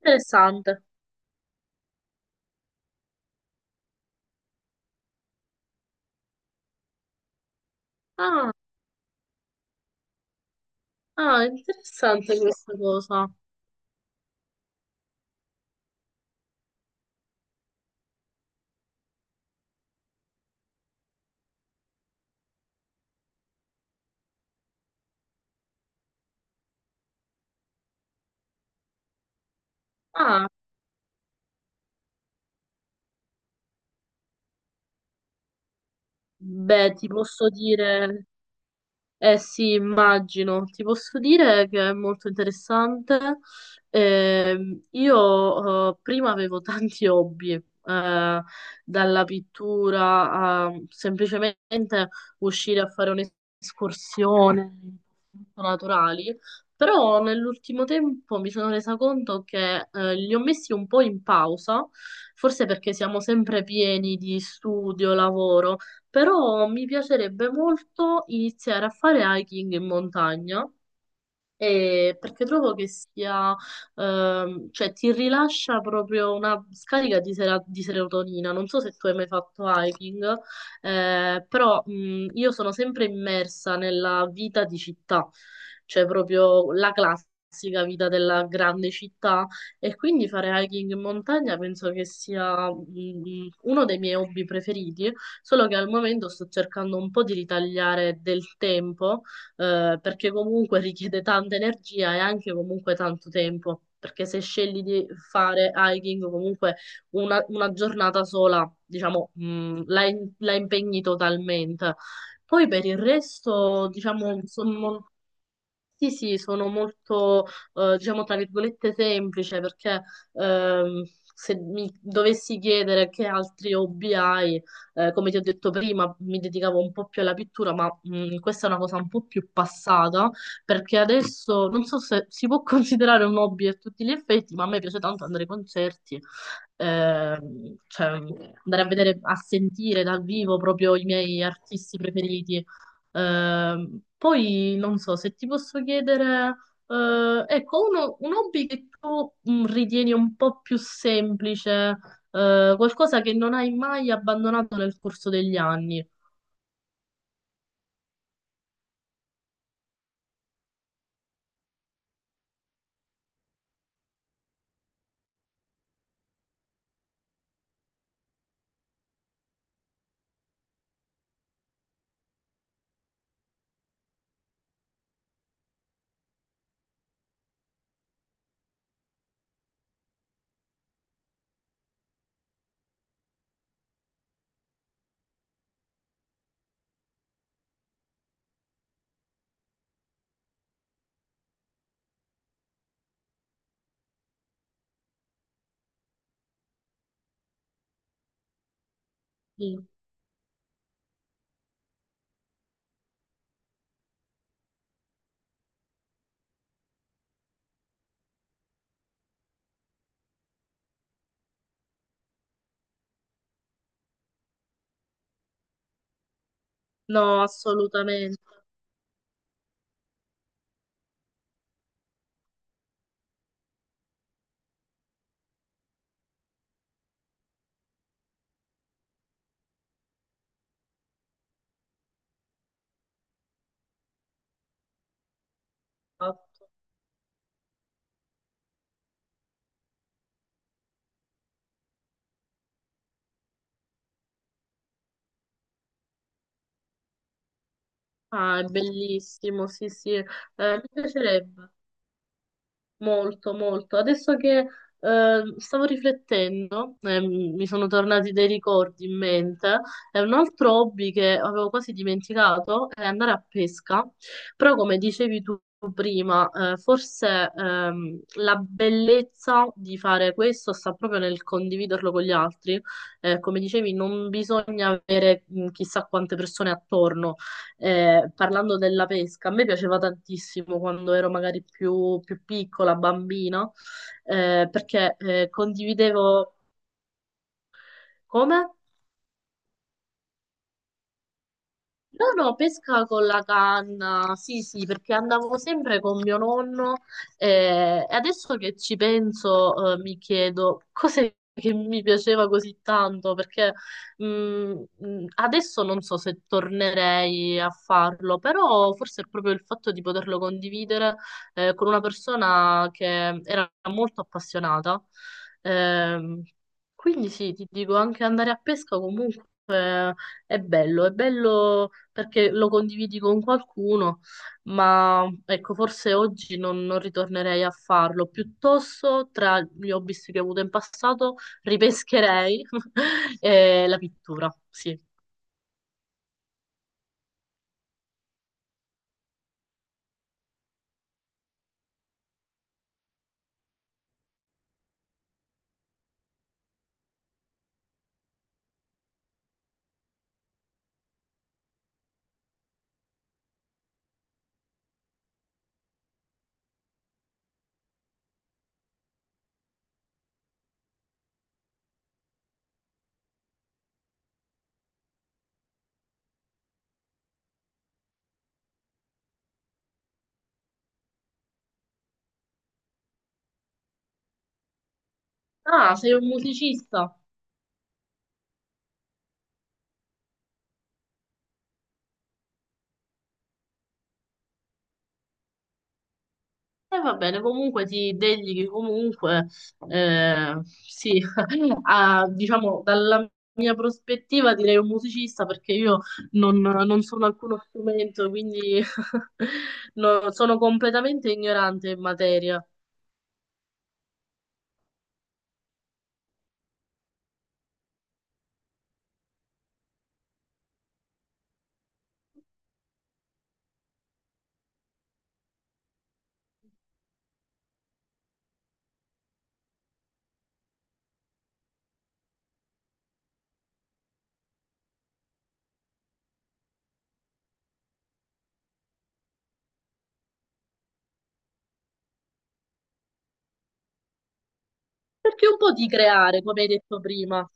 Interessante. Ah, ah, interessante questa cosa. Ah, beh, ti posso dire. Eh sì, immagino. Ti posso dire che è molto interessante. Io prima avevo tanti hobby, dalla pittura a semplicemente uscire a fare un'escursione, molto naturali, però nell'ultimo tempo mi sono resa conto che li ho messi un po' in pausa, forse perché siamo sempre pieni di studio, lavoro, però mi piacerebbe molto iniziare a fare hiking in montagna. Perché trovo che sia, cioè ti rilascia proprio una scarica di di serotonina. Non so se tu hai mai fatto hiking, però io sono sempre immersa nella vita di città, cioè proprio la classica vita della grande città. E quindi fare hiking in montagna penso che sia uno dei miei hobby preferiti, solo che al momento sto cercando un po' di ritagliare del tempo, perché comunque richiede tanta energia e anche comunque tanto tempo, perché se scegli di fare hiking comunque una giornata sola, diciamo, la impegni totalmente. Poi per il resto, diciamo, sono sì, sì, sono molto, diciamo, tra virgolette semplice, perché ehm, se mi dovessi chiedere che altri hobby hai, come ti ho detto prima, mi dedicavo un po' più alla pittura, ma questa è una cosa un po' più passata, perché adesso non so se si può considerare un hobby a tutti gli effetti, ma a me piace tanto andare ai concerti, cioè andare a vedere, a sentire dal vivo proprio i miei artisti preferiti. Poi non so se ti posso chiedere, ecco, un hobby che tu ritieni un po' più semplice, qualcosa che non hai mai abbandonato nel corso degli anni. Sì. No, assolutamente. Esatto. Ah, è bellissimo, sì, sì. Mi piacerebbe. Molto, molto. Adesso che stavo riflettendo, mi sono tornati dei ricordi in mente. È un altro hobby che avevo quasi dimenticato, è andare a pesca. Però, come dicevi tu prima, forse la bellezza di fare questo sta proprio nel condividerlo con gli altri. Come dicevi, non bisogna avere chissà quante persone attorno, parlando della pesca, a me piaceva tantissimo quando ero magari più, più piccola, bambina, perché condividevo, come? No, no, pesca con la canna, sì, sì, perché andavo sempre con mio nonno, e adesso che ci penso mi chiedo cos'è che mi piaceva così tanto, perché mh, adesso non so se tornerei a farlo, però forse è proprio il fatto di poterlo condividere, con una persona che era molto appassionata. Ehm, quindi sì, ti dico, anche andare a pesca comunque è bello perché lo condividi con qualcuno, ma ecco, forse oggi non, non ritornerei a farlo. Piuttosto, tra gli hobby che ho avuto in passato, ripescherei la pittura. Sì. Ah, sei un musicista? E va bene, comunque ti dedichi comunque, sì, a, diciamo, dalla mia prospettiva direi un musicista perché io non, non sono alcuno strumento, quindi no, sono completamente ignorante in materia. Perché un po' di creare, come hai detto prima.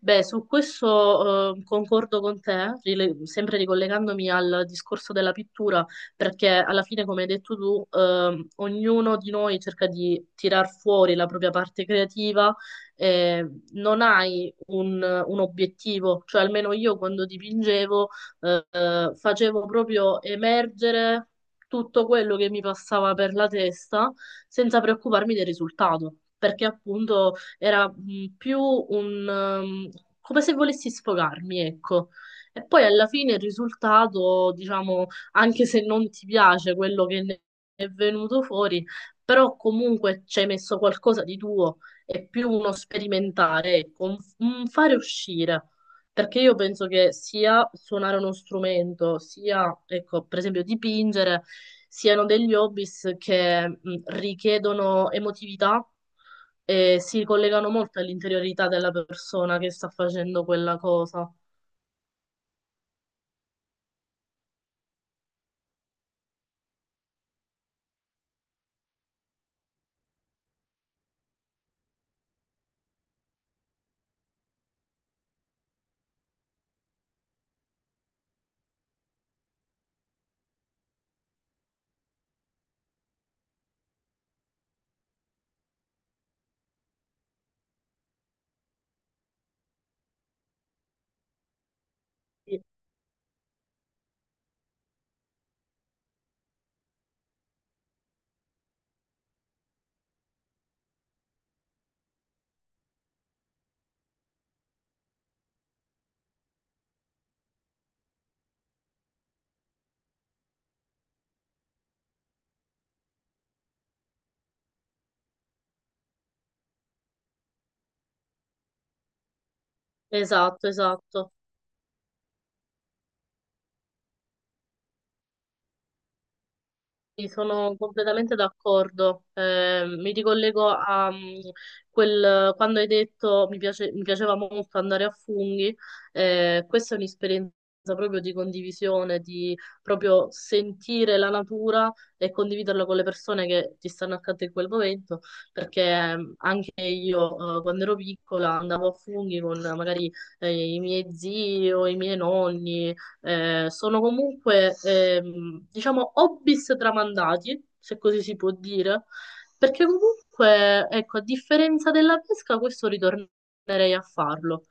Beh, su questo concordo con te, sempre ricollegandomi al discorso della pittura, perché alla fine, come hai detto tu, ognuno di noi cerca di tirar fuori la propria parte creativa, eh, non hai un obiettivo, cioè almeno io quando dipingevo facevo proprio emergere tutto quello che mi passava per la testa senza preoccuparmi del risultato. Perché appunto era più un... come se volessi sfogarmi, ecco. E poi alla fine il risultato, diciamo, anche se non ti piace quello che ne è venuto fuori, però comunque ci hai messo qualcosa di tuo, è più uno sperimentare, ecco, un fare uscire. Perché io penso che sia suonare uno strumento, sia, ecco, per esempio dipingere, siano degli hobbies che richiedono emotività e si collegano molto all'interiorità della persona che sta facendo quella cosa. Sì. Esatto, esatto. Sì, sono completamente d'accordo. Mi ricollego a mm, quel quando hai detto mi piaceva molto andare a funghi. Eh, questa è un'esperienza proprio di condivisione, di proprio sentire la natura e condividerla con le persone che ti stanno accanto in quel momento. Perché anche io, quando ero piccola, andavo a funghi con magari i miei zii o i miei nonni, sono comunque, diciamo, hobbies tramandati, se così si può dire, perché comunque, ecco, a differenza della pesca, questo ritornerei a farlo.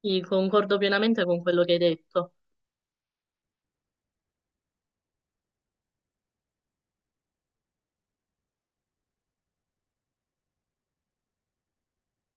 Quindi concordo pienamente con quello che hai detto.